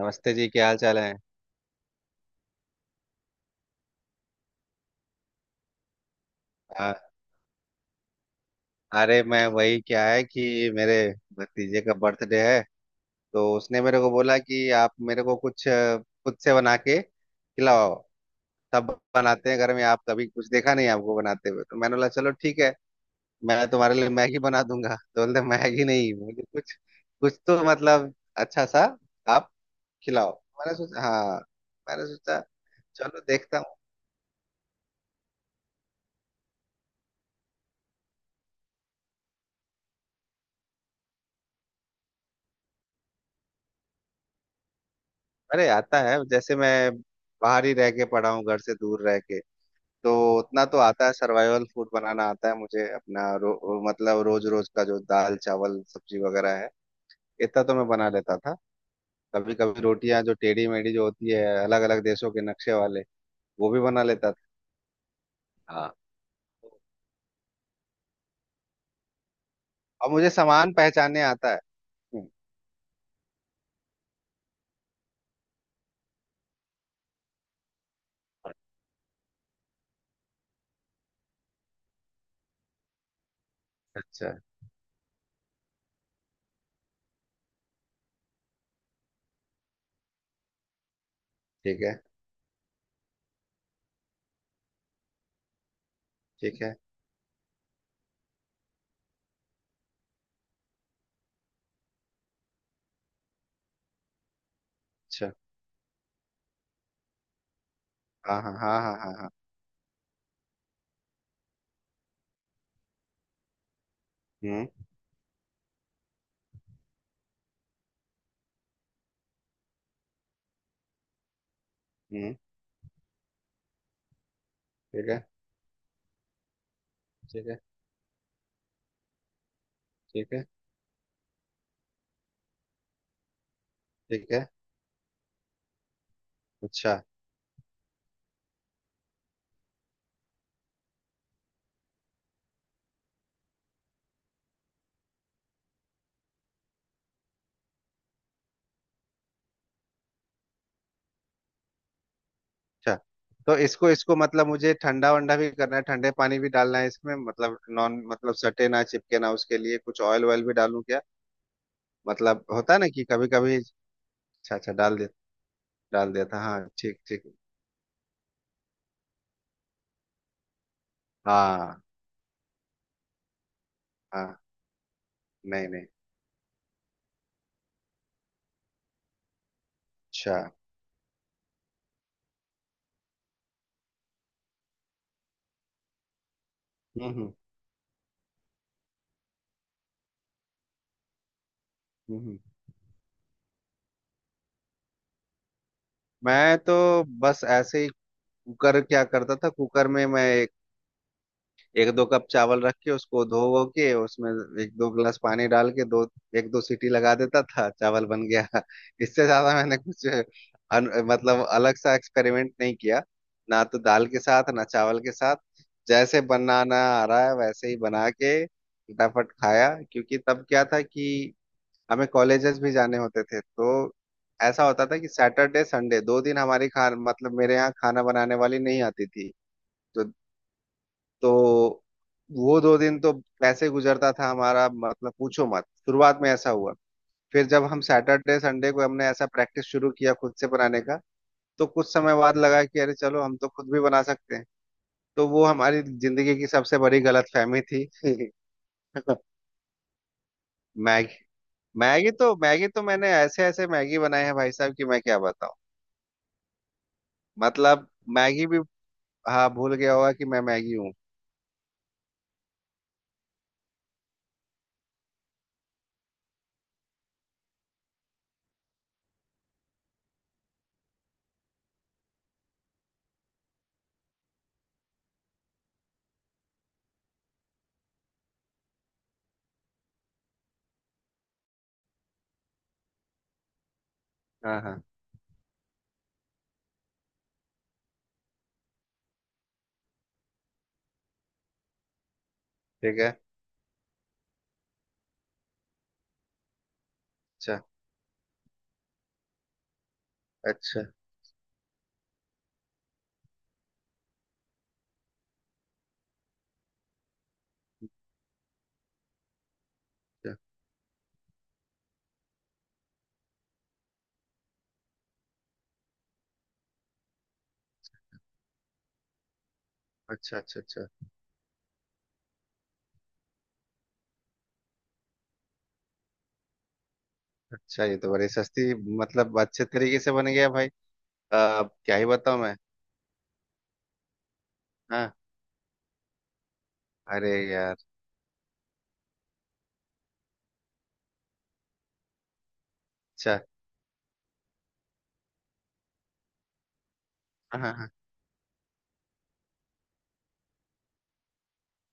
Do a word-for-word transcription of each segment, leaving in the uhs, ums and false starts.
नमस्ते जी, क्या हाल चाल है। आ, अरे मैं, वही क्या है कि मेरे भतीजे का बर्थडे है, तो उसने मेरे को बोला कि आप मेरे को कुछ अ, खुद से बना के खिलाओ। सब बनाते हैं घर में, आप कभी कुछ, देखा नहीं आपको बनाते हुए, तो मैंने बोला चलो ठीक है मैं तुम्हारे लिए मैगी बना दूंगा, तो बोलते मैगी नहीं, मुझे कुछ कुछ तो मतलब अच्छा सा आप खिलाओ। मैंने सोचा हाँ, मैंने सोचा चलो देखता हूँ। अरे आता है, जैसे मैं बाहर ही रह के पड़ा हूँ घर से दूर रह के, तो उतना तो आता है, सर्वाइवल फूड बनाना आता है मुझे अपना रो, मतलब रोज रोज का जो दाल चावल सब्जी वगैरह है, इतना तो मैं बना लेता था। कभी कभी रोटियां जो टेढ़ी मेढ़ी जो होती है, अलग अलग देशों के नक्शे वाले, वो भी बना लेता था। हाँ, और मुझे सामान पहचानने आता है। हम्म। अच्छा। ठीक है। ठीक है। अच्छा। हाँ हाँ हाँ हाँ हाँ हाँ। हम्म। हम्म। ठीक है। ठीक है। ठीक है। ठीक है। अच्छा, अच्छा, तो इसको इसको मतलब मुझे ठंडा वंडा भी करना है, ठंडे पानी भी डालना है इसमें, मतलब नॉन, मतलब सटे ना चिपके ना, उसके लिए कुछ ऑयल ऑयल भी डालूं क्या। मतलब होता है ना कि कभी कभी, अच्छा अच्छा डाल दे, डाल दिया था, हाँ, ठीक ठीक। हाँ। हाँ। नहीं नहीं। अच्छा। हम्म, हम्म। हम्म। हम्म। मैं तो बस ऐसे ही, कुकर क्या करता था, कुकर में मैं एक दो कप चावल रख के, उसको धो वो के, उसमें एक दो गिलास पानी डाल के, दो एक दो सीटी लगा देता था, चावल बन गया। इससे ज्यादा मैंने कुछ अन, मतलब अलग सा एक्सपेरिमेंट नहीं किया, ना तो दाल के साथ ना चावल के साथ। जैसे बनाना आ रहा है वैसे ही बना के फटाफट खाया, क्योंकि तब क्या था कि हमें कॉलेजेस भी जाने होते थे, तो ऐसा होता था कि सैटरडे संडे दो दिन हमारी खान मतलब मेरे यहाँ खाना बनाने वाली नहीं आती थी, तो तो वो दो दिन तो कैसे गुजरता था हमारा, मतलब पूछो मत, शुरुआत में ऐसा हुआ। फिर जब हम सैटरडे संडे को हमने ऐसा प्रैक्टिस शुरू किया खुद से बनाने का, तो कुछ समय बाद लगा कि अरे चलो हम तो खुद भी बना सकते हैं, तो वो हमारी जिंदगी की सबसे बड़ी गलतफहमी थी। मैगी। मैगी तो मैगी तो मैंने ऐसे ऐसे मैगी बनाए हैं भाई साहब कि मैं क्या बताऊं। मतलब मैगी भी, हाँ, भूल गया होगा कि मैं मैगी हूँ। हाँ हाँ ठीक है। अच्छा अच्छा अच्छा अच्छा अच्छा अच्छा अच्छा। ये तो बड़ी सस्ती, मतलब अच्छे तरीके से बन गया भाई। अ, अब क्या ही बताऊं मैं। हाँ। अरे यार। अच्छा। हाँ हाँ हाँ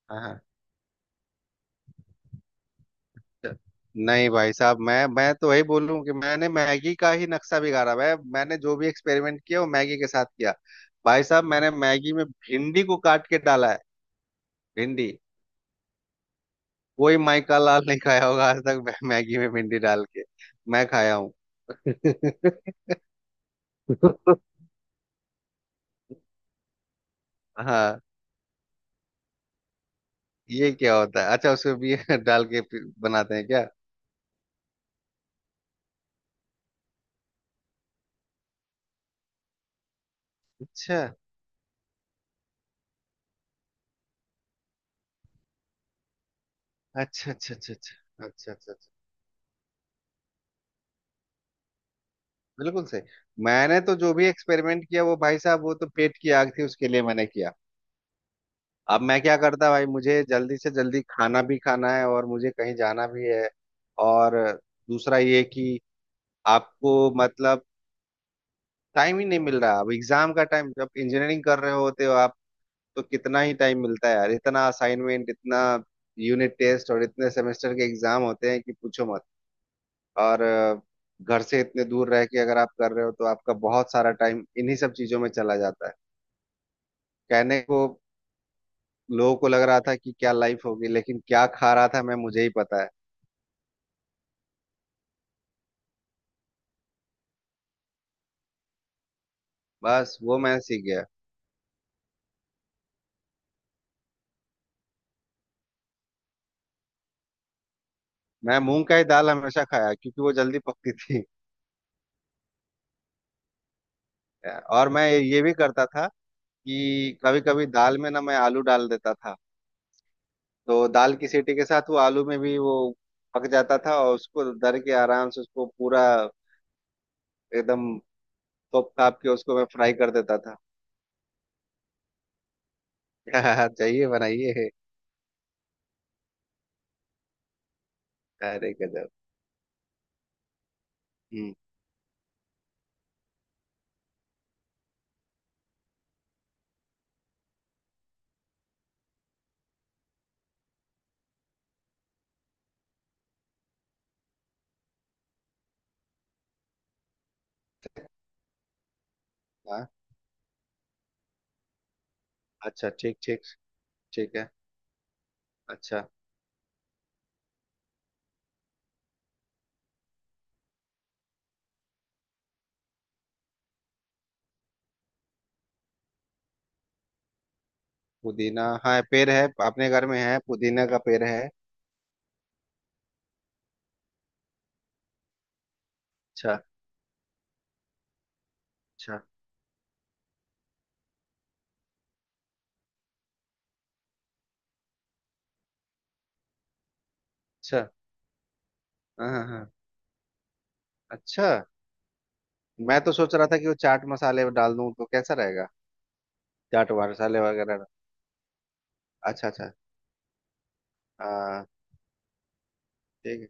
हाँ, हाँ। अच्छा। नहीं भाई साहब, मैं मैं तो वही बोलूं कि मैंने मैगी का ही नक्शा बिगाड़ा है, मैंने जो भी एक्सपेरिमेंट किया वो मैगी के साथ किया। भाई साहब, मैंने मैगी में भिंडी को काट के डाला है, भिंडी। कोई माइका लाल नहीं खाया होगा आज तक, मैं- मैगी में भिंडी डाल के, मैं खाया हूँ। हाँ, ये क्या होता है। अच्छा, उसमें भी डाल के फिर बनाते हैं क्या। अच्छा अच्छा अच्छा अच्छा अच्छा अच्छा अच्छा अच्छा, बिल्कुल सही। मैंने तो जो भी एक्सपेरिमेंट किया वो भाई साहब, वो तो पेट की आग थी, उसके लिए मैंने किया। अब मैं क्या करता भाई, मुझे जल्दी से जल्दी खाना भी खाना है और मुझे कहीं जाना भी है, और दूसरा ये कि आपको मतलब टाइम ही नहीं मिल रहा। अब एग्जाम का टाइम, जब इंजीनियरिंग कर रहे होते हो आप, तो कितना ही टाइम मिलता है यार, इतना असाइनमेंट, इतना यूनिट टेस्ट और इतने सेमेस्टर के एग्जाम होते हैं कि पूछो मत। और अ, घर से इतने दूर रह के अगर आप कर रहे हो तो आपका बहुत सारा टाइम इन्हीं सब चीजों में चला जाता है। कहने को लोगों को लग रहा था कि क्या लाइफ होगी, लेकिन क्या खा रहा था मैं, मुझे ही पता है। बस वो मैं सीख गया। मैं मूंग का ही दाल हमेशा खाया क्योंकि वो जल्दी पकती थी। और मैं ये भी करता था कि कभी कभी दाल में ना मैं आलू डाल देता था, तो दाल की सीटी के साथ वो आलू में भी वो पक जाता था और उसको दर के आराम से उसको पूरा एकदम तोप ताप के उसको मैं फ्राई कर देता था। हाँ, चाहिए बनाइए। अरे गजब। हम्म। हाँ। अच्छा, ठीक ठीक। ठीक है। अच्छा, पुदीना, हाँ, पेड़ है अपने घर में, है पुदीना का पेड़ है। अच्छा। अच्छा। अच्छा। हाँ हाँ हाँ, अच्छा। मैं तो सोच रहा था कि वो चाट मसाले डाल दूं तो कैसा रहेगा, चाट मसाले वगैरह। अच्छा अच्छा। हाँ। ठीक है।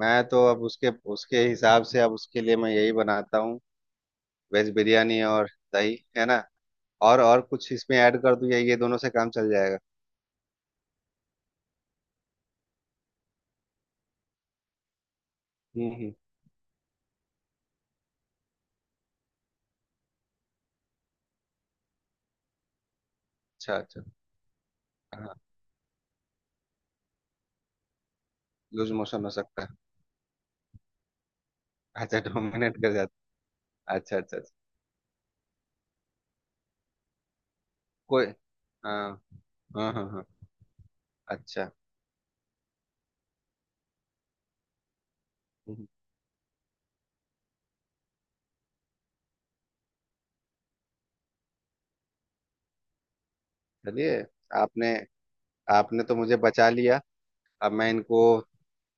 मैं तो अब उसके, उसके हिसाब से, अब उसके लिए मैं यही बनाता हूँ, वेज बिरयानी और दही है ना, और और कुछ इसमें ऐड कर दूं या ये दोनों से काम चल जाएगा। हम्म हम्म। अच्छा अच्छा। हाँ, लूज मोशन हो सकता है। अच्छा डोमिनेट कर जाता। अच्छा अच्छा अच्छा। कोई, हाँ, हाँ हाँ हाँ। अच्छा। हम्म। चलिए, आपने आपने तो मुझे बचा लिया। अब मैं इनको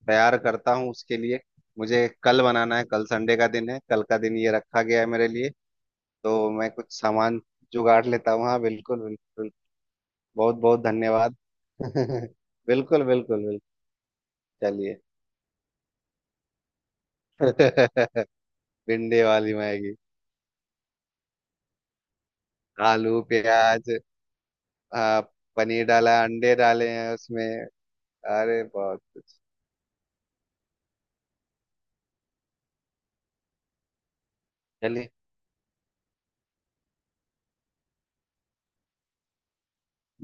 तैयार करता हूँ उसके लिए, मुझे कल बनाना है, कल संडे का दिन है, कल का दिन ये रखा गया है मेरे लिए, तो मैं कुछ सामान जुगाड़ लेता हूँ। हाँ बिल्कुल बिल्कुल। बहुत बहुत धन्यवाद। बिल्कुल बिल्कुल बिल्कुल। चलिए। भिंडी वाली मैगी, आलू प्याज, आ, पनीर डाला, अंडे डाले हैं उसमें, अरे बहुत कुछ। चलिए,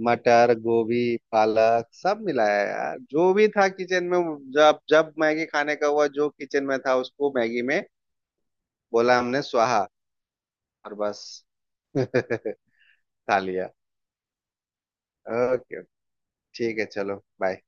मटर गोभी पालक सब मिलाया यार, जो भी था किचन में। जब जब मैगी खाने का हुआ, जो किचन में था उसको मैगी में, बोला हमने स्वाहा, और बस खा लिया। ओके, ठीक है चलो बाय।